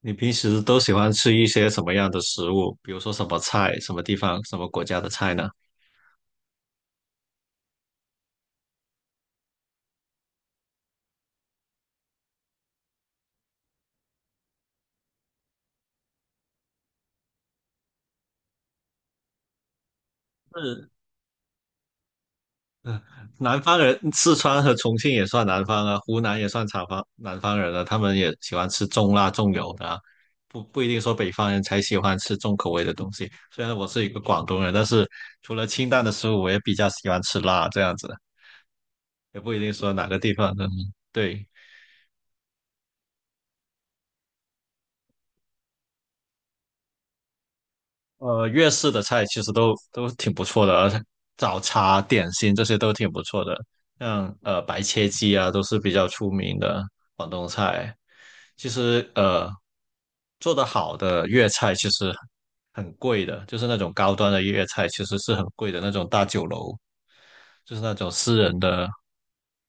你平时都喜欢吃一些什么样的食物？比如说什么菜，什么地方，什么国家的菜呢？是，嗯，南方人，四川和重庆也算南方啊，湖南也算南方人啊，他们也喜欢吃重辣重油的啊，不一定说北方人才喜欢吃重口味的东西。虽然我是一个广东人，但是除了清淡的食物，我也比较喜欢吃辣这样子，也不一定说哪个地方的。嗯对，粤式的菜其实都挺不错的，而且早茶、点心这些都挺不错的，像白切鸡啊，都是比较出名的广东菜。其实做得好的粤菜其实很贵的，就是那种高端的粤菜其实是很贵的，那种大酒楼，就是那种私人的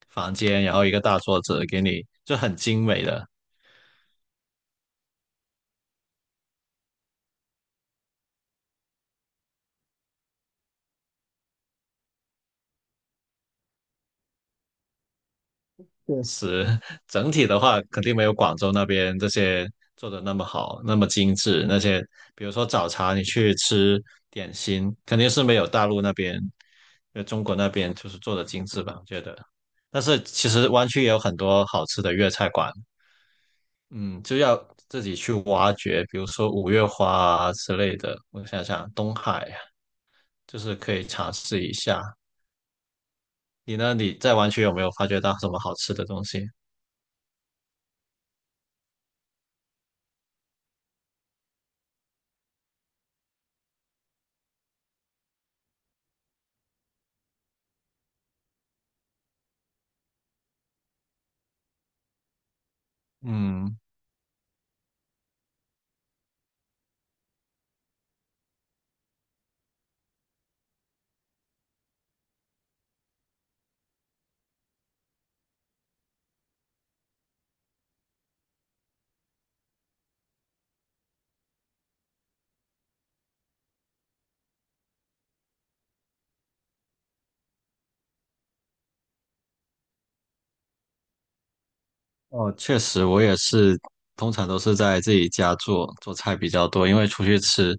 房间，然后一个大桌子给你，就很精美的。确实，整体的话，肯定没有广州那边这些做的那么好，那么精致。那些比如说早茶，你去吃点心，肯定是没有大陆那边，中国那边就是做的精致吧，我觉得。但是其实湾区也有很多好吃的粤菜馆，嗯，就要自己去挖掘，比如说五月花啊之类的。我想想，东海啊就是可以尝试一下。你呢？你在湾区有没有发掘到什么好吃的东西？嗯。哦，确实，我也是，通常都是在自己家做做菜比较多，因为出去吃，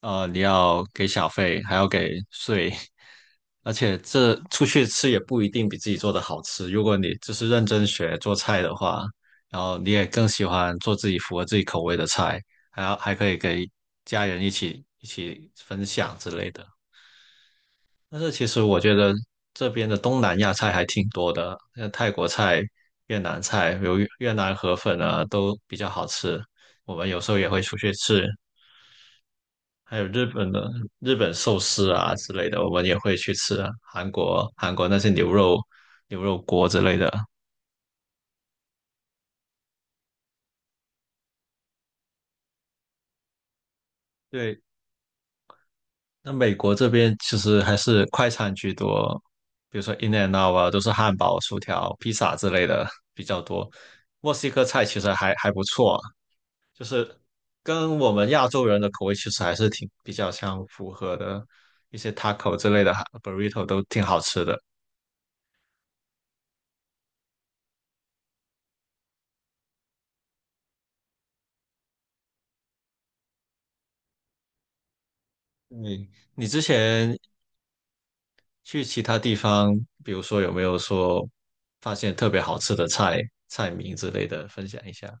你要给小费，还要给税，而且这出去吃也不一定比自己做的好吃。如果你就是认真学做菜的话，然后你也更喜欢做自己符合自己口味的菜，还可以给家人一起分享之类的。但是其实我觉得这边的东南亚菜还挺多的，像泰国菜、越南菜，比如越南河粉啊，都比较好吃。我们有时候也会出去吃，还有日本的日本寿司啊之类的，我们也会去吃啊韩国那些牛肉锅之类的。对，那美国这边其实还是快餐居多，比如说 In and Out 啊，都是汉堡、薯条、披萨之类的 比较多。墨西哥菜其实还不错，就是跟我们亚洲人的口味其实还是挺比较相符合的，一些 taco 之类的哈 burrito 都挺好吃的。你你之前去其他地方，比如说有没有说发现特别好吃的菜名之类的，分享一下，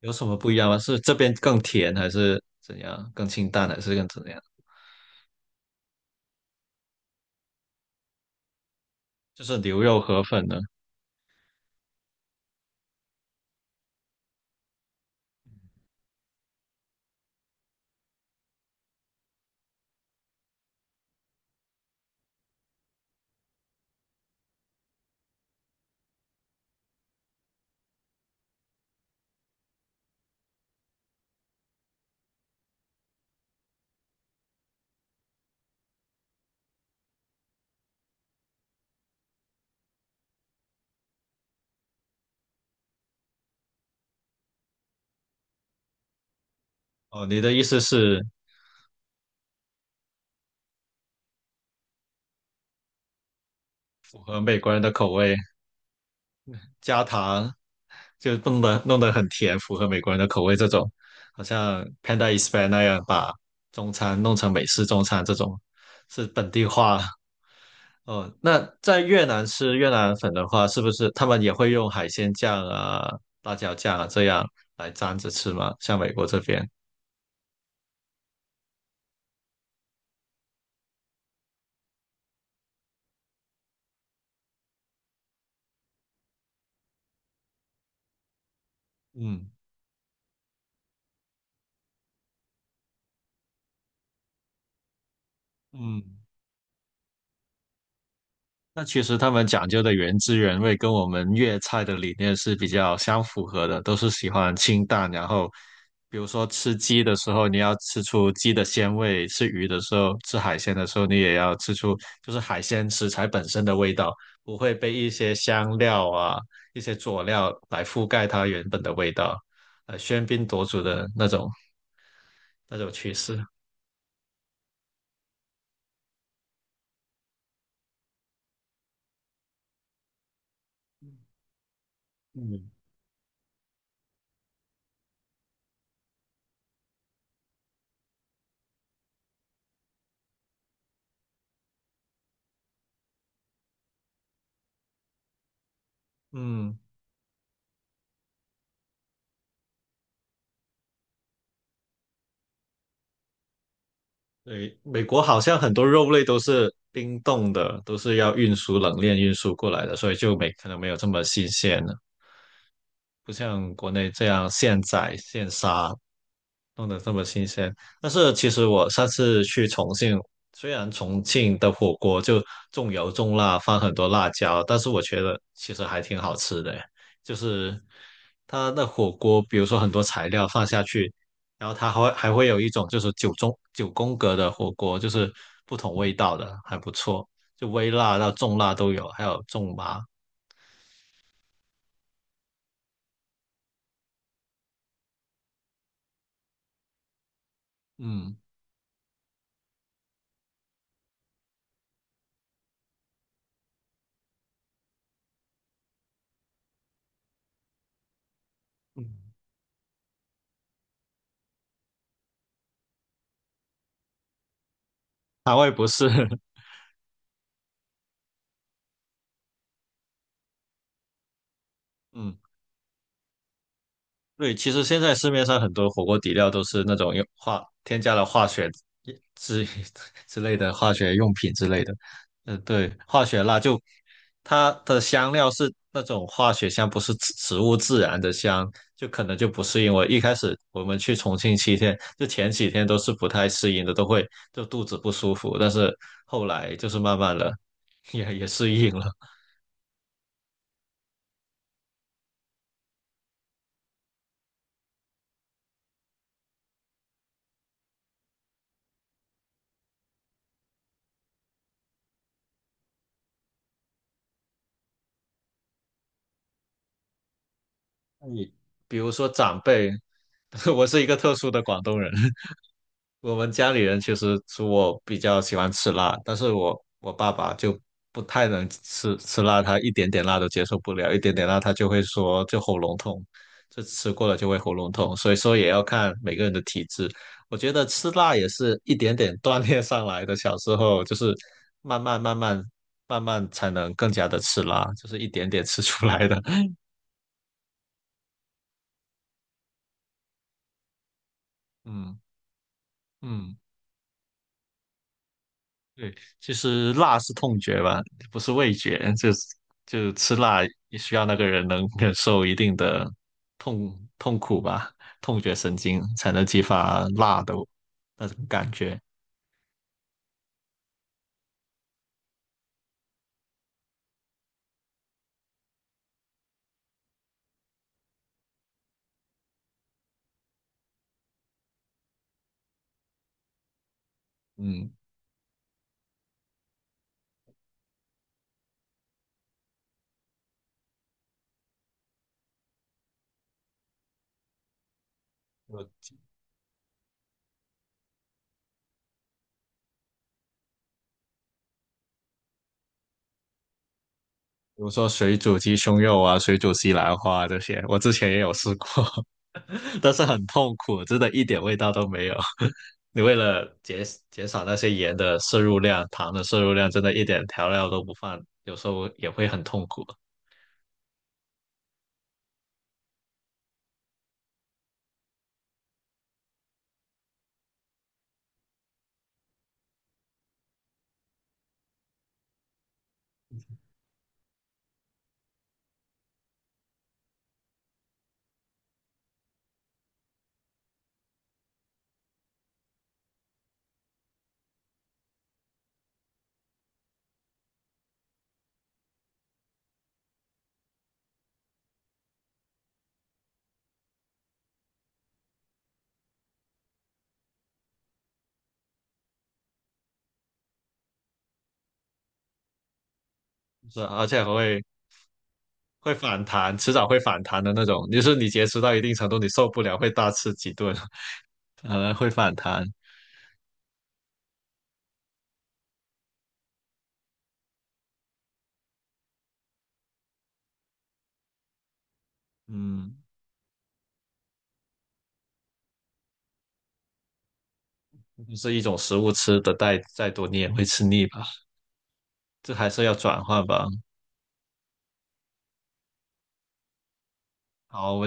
有什么不一样吗？是这边更甜还是怎样？更清淡还是更怎样？就是牛肉河粉呢？哦，你的意思是符合美国人的口味，加糖就弄得很甜，符合美国人的口味这种，好像 Panda Express 那样把中餐弄成美式中餐这种，是本地化。哦，那在越南吃越南粉的话，是不是他们也会用海鲜酱啊、辣椒酱啊这样来沾着吃吗？像美国这边，嗯嗯。那其实他们讲究的原汁原味，跟我们粤菜的理念是比较相符合的，都是喜欢清淡。然后，比如说吃鸡的时候，你要吃出鸡的鲜味；吃鱼的时候，吃海鲜的时候，你也要吃出就是海鲜食材本身的味道，不会被一些香料啊、一些佐料来覆盖它原本的味道，喧宾夺主的那种趋势。嗯，嗯。对，美国好像很多肉类都是冰冻的，都是要运输冷链运输过来的，所以就没可能没有这么新鲜了，不像国内这样现宰现杀。弄得这么新鲜。但是其实我上次去重庆，虽然重庆的火锅就重油重辣，放很多辣椒，但是我觉得其实还挺好吃的。就是它的火锅，比如说很多材料放下去，然后它还会有一种就是九宫格的火锅，就是不同味道的，还不错，就微辣到重辣都有，还有重麻。嗯嗯，嗯，对，其实现在市面上很多火锅底料都是那种用化添加了化学之 之类的化学用品之类的，嗯，对，化学辣就它的香料是那种化学香，不是植物自然的香，就可能就不适应。我一开始我们去重庆7天，就前几天都是不太适应的，都会就肚子不舒服，但是后来就是慢慢的也适应了。你比如说长辈，我是一个特殊的广东人。我们家里人其实是我比较喜欢吃辣，但是我爸爸就不太能吃辣，他一点点辣都接受不了，一点点辣他就会说就喉咙痛，就吃过了就会喉咙痛，所以说也要看每个人的体质。我觉得吃辣也是一点点锻炼上来的，小时候就是慢慢慢慢慢慢才能更加的吃辣，就是一点点吃出来的。嗯嗯。对，其实辣是痛觉吧，不是味觉，就吃辣也需要那个人能 忍受一定的痛苦吧，痛觉神经才能激发辣的那种感觉。嗯，我比如说水煮鸡胸肉啊，水煮西兰花啊这些，我之前也有试过，但是很痛苦，真的一点味道都没有。你为了减少那些盐的摄入量、糖的摄入量，真的一点调料都不放，有时候也会很痛苦。是，而且还会反弹，迟早会反弹的那种。就是你节食到一定程度，你受不了，会大吃几顿，会反弹。嗯，是一种食物吃的再多，你也会吃腻吧？这还是要转换吧。好，我